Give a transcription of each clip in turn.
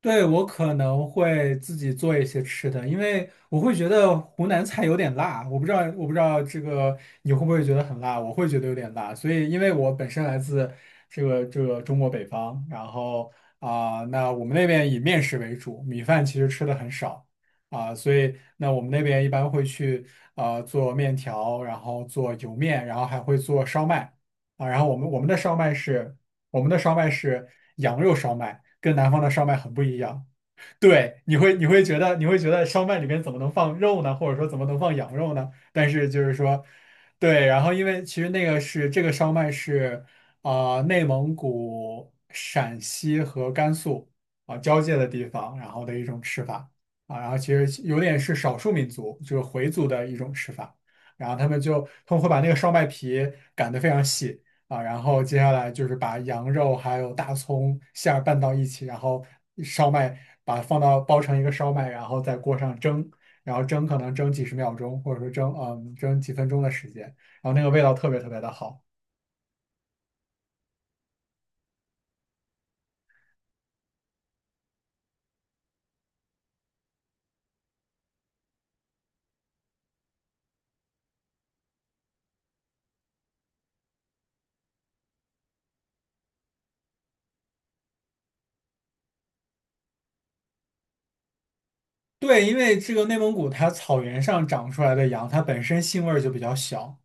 对，我可能会自己做一些吃的，因为我会觉得湖南菜有点辣，我不知道你会不会觉得很辣，我会觉得有点辣，所以因为我本身来自这个中国北方，然后那我们那边以面食为主，米饭其实吃的很少所以那我们那边一般会去做面条，然后做油面，然后还会做烧麦然后我们的烧麦是羊肉烧麦，跟南方的烧麦很不一样。对，你会觉得烧麦里面怎么能放肉呢？或者说怎么能放羊肉呢？但是就是说，对，然后因为其实那个是这个烧麦是内蒙古、陕西和甘肃交界的地方，然后的一种吃法然后其实有点是少数民族，就是回族的一种吃法。然后他们会把那个烧麦皮擀的非常细，然后接下来就是把羊肉还有大葱馅儿拌到一起，然后烧麦把它放到包成一个烧麦，然后在锅上蒸，然后蒸可能蒸几十秒钟，或者说蒸几分钟的时间，然后那个味道特别特别的好。对，因为这个内蒙古它草原上长出来的羊，它本身腥味儿就比较小，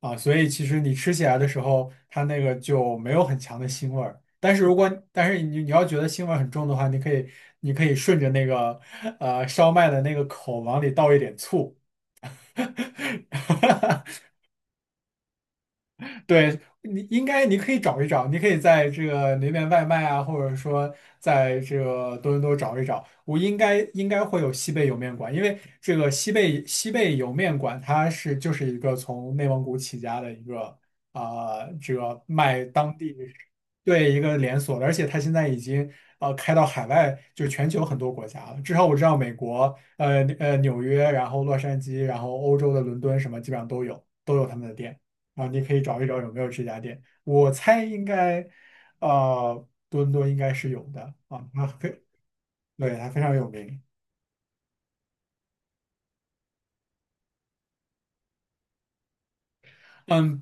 所以其实你吃起来的时候，它那个就没有很强的腥味儿。但是你要觉得腥味儿很重的话，你可以顺着那个烧麦的那个口往里倒一点醋，对，你应该你可以找一找，你可以在这个那边外卖啊，或者说在这个多伦多找一找，我应该会有西贝莜面馆，因为这个西贝莜面馆它是就是一个从内蒙古起家的一个啊、这个卖当地对一个连锁的，而且它现在已经开到海外，就全球很多国家了，至少我知道美国纽约，然后洛杉矶，然后欧洲的伦敦什么基本上都有他们的店。你可以找一找有没有这家店。我猜应该，多伦多应该是有的啊，它非，对，它非常有名。嗯，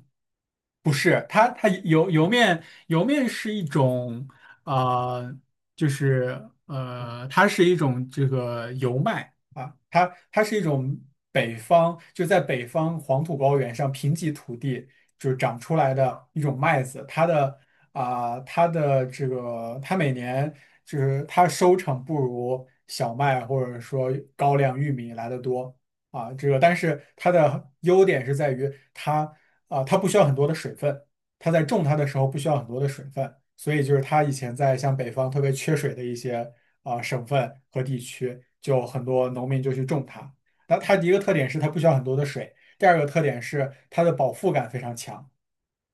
不是，它油面是一种啊、呃就是，它是一种这个油麦啊，它是一种北方就在北方黄土高原上贫瘠土地就长出来的一种麦子，它的它的这个它每年就是它收成不如小麦或者说高粱、玉米来的多。这个，但是它的优点是在于它它不需要很多的水分，它在种它的时候不需要很多的水分，所以就是它以前在像北方特别缺水的一些省份和地区，就很多农民就去种它。那它的一个特点是它不需要很多的水，第二个特点是它的饱腹感非常强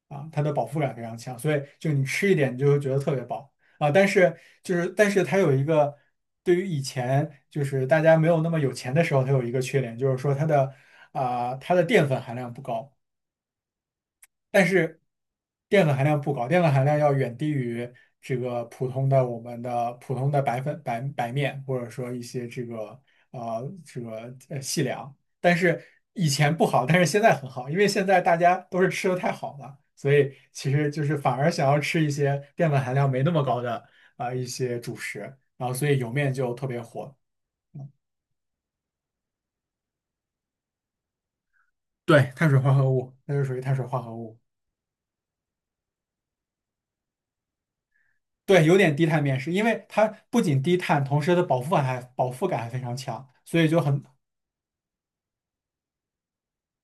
它的饱腹感非常强，所以就你吃一点你就会觉得特别饱啊。但是它有一个对于以前就是大家没有那么有钱的时候，它有一个缺点，就是说它的淀粉含量不高但是淀粉含量不高，淀粉含量要远低于这个普通的我们的普通的白粉白白面，或者说一些这个细粮。但是以前不好，但是现在很好，因为现在大家都是吃的太好了，所以其实就是反而想要吃一些淀粉含量没那么高的一些主食，然后所以莜面就特别火。对，碳水化合物，那就属于碳水化合物。对，有点低碳面食，因为它不仅低碳，同时它的饱腹感还非常强，所以就很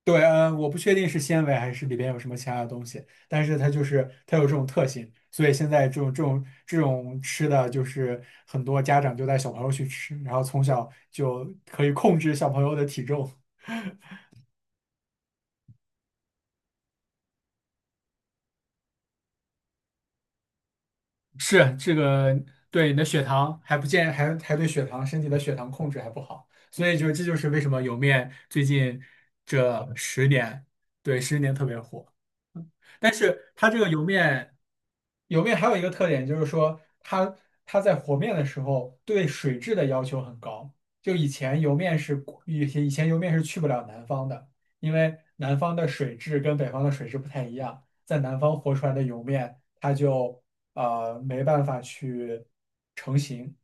对。嗯，我不确定是纤维还是里边有什么其他的东西，但是它就是它有这种特性，所以现在这种吃的就是很多家长就带小朋友去吃，然后从小就可以控制小朋友的体重。是这个对你的血糖还不健，还还对血糖身体的血糖控制还不好，所以就这就是为什么莜面最近这十年，对十年特别火。但是它这个油面，油面还有一个特点就是说它，它在和面的时候对水质的要求很高。就以前油面是去不了南方的，因为南方的水质跟北方的水质不太一样，在南方和出来的油面它就没办法去成型。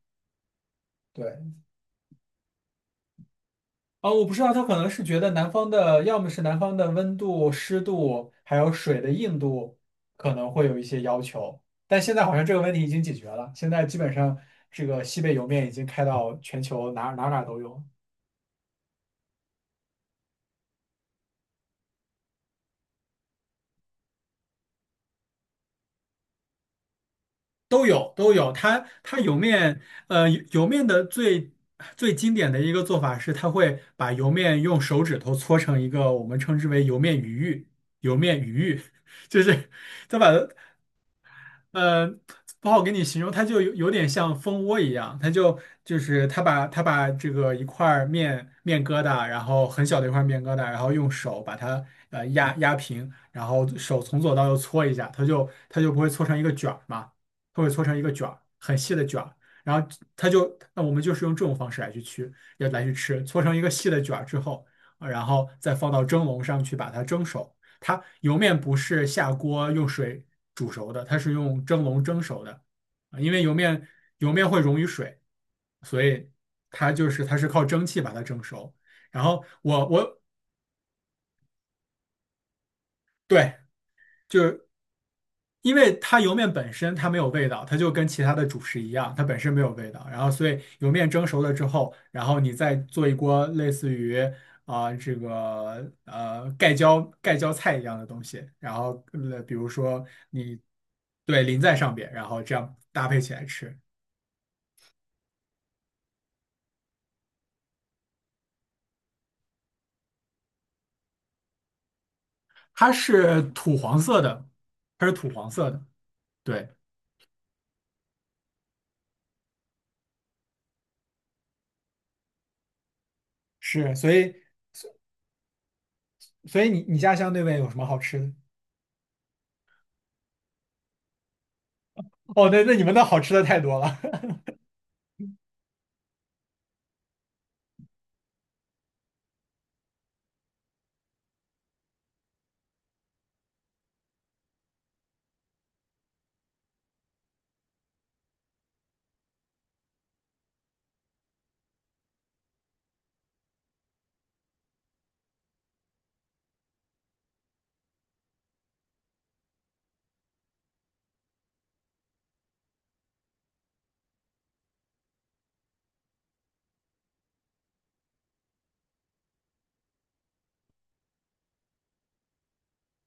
对。我不知道，他可能是觉得南方的，要么是南方的温度、湿度，还有水的硬度，可能会有一些要求。但现在好像这个问题已经解决了，现在基本上这个西北莜面已经开到全球哪哪哪都有。莜面，莜面的最最经典的一个做法是，它会把莜面用手指头搓成一个我们称之为莜面鱼玉，莜面鱼玉，就是他把它呃，不好给你形容，它就有点像蜂窝一样，它就就是它把这个一块儿面疙瘩，然后很小的一块面疙瘩，然后用手把它压压平，然后手从左到右搓一下，它就不会搓成一个卷儿嘛，它会搓成一个卷儿，很细的卷儿，然后那我们就是用这种方式来去吃，搓成一个细的卷儿之后，然后再放到蒸笼上去把它蒸熟。它油面不是下锅用水煮熟的，它是用蒸笼蒸熟的，因为油面会溶于水，所以它是靠蒸汽把它蒸熟。然后对，就是因为它油面本身它没有味道，它就跟其他的主食一样，它本身没有味道。然后，所以油面蒸熟了之后，然后你再做一锅类似于这个盖浇菜一样的东西，然后比如说你对淋在上边，然后这样搭配起来吃，它是土黄色的，它是土黄色的，对，是，所以你家乡那边有什么好吃的？哦，那那你们那好吃的太多了。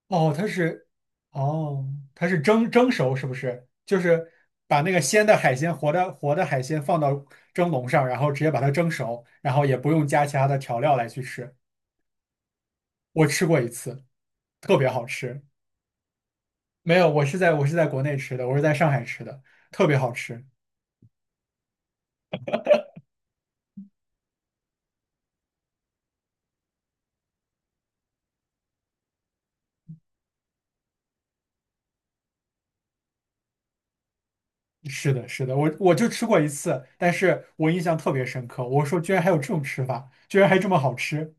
哦，哦，它是蒸熟是不是？就是把那个鲜的海鲜、活的海鲜放到蒸笼上，然后直接把它蒸熟，然后也不用加其他的调料来去吃。我吃过一次，特别好吃。没有，我是在国内吃的，我是在上海吃的，特别好吃。是的，是的，我就吃过一次，但是我印象特别深刻。我说，居然还有这种吃法，居然还这么好吃。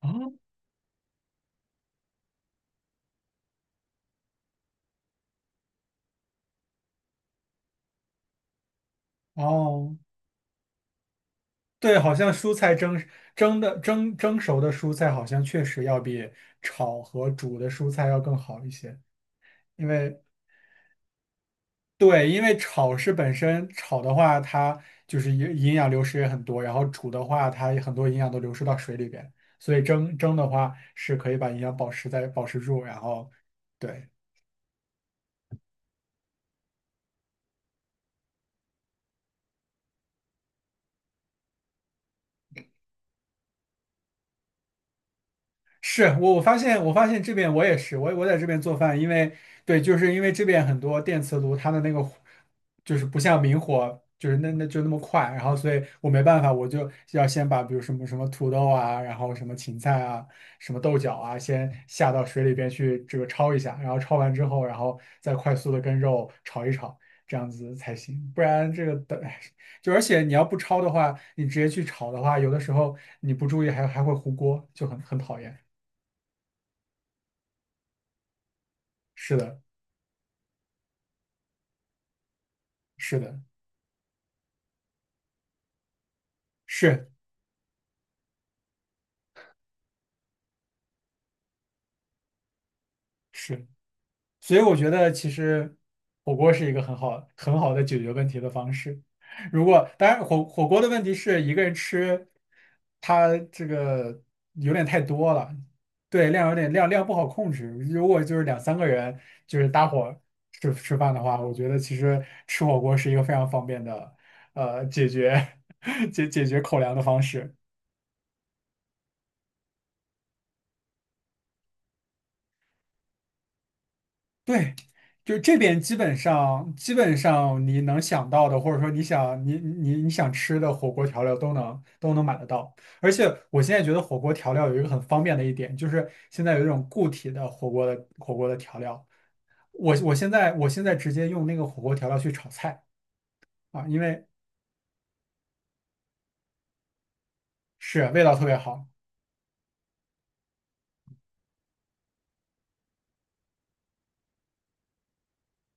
啊！哦，对，好像蔬菜蒸蒸的蒸蒸熟的蔬菜，好像确实要比炒和煮的蔬菜要更好一些。因为对，因为本身炒的话，它就是营养流失也很多，然后煮的话，它很多营养都流失到水里边，所以蒸的话是可以把营养保持住，然后对。是发现这边我也是我我在这边做饭，因为对，就是因为这边很多电磁炉它的那个火就是不像明火，就是那就那么快，然后所以我没办法，我就要先把比如什么什么土豆啊，然后什么芹菜啊，什么豆角啊，先下到水里边去这个焯一下，然后焯完之后，然后再快速的跟肉炒一炒，这样子才行，不然这个等。而且你要不焯的话，你直接去炒的话，有的时候你不注意还会糊锅，就很讨厌。是的，是的，是是，所以我觉得其实火锅是一个很好很好的解决问题的方式。如果当然火锅的问题是一个人吃，它这个有点太多了，对，量有点量不好控制。如果就是两三个人就是搭伙吃饭的话，我觉得其实吃火锅是一个非常方便的解决 解决口粮的方式。对，就这边基本上你能想到的，或者说你你你想吃的火锅调料都能买得到。而且我现在觉得火锅调料有一个很方便的一点，就是现在有一种固体的火锅的调料。我现在直接用那个火锅调料去炒菜啊，因为是味道特别好。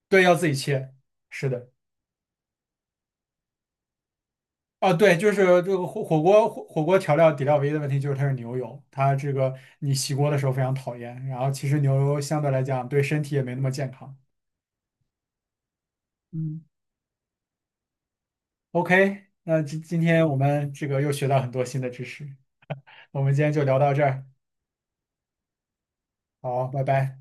对，要自己切。是的。对，就是这个火锅调料底料唯一的问题就是它是牛油，它这个你洗锅的时候非常讨厌。然后其实牛油相对来讲对身体也没那么健康。嗯，OK，那今天我们这个又学到很多新的知识，我们今天就聊到这儿，好，拜拜。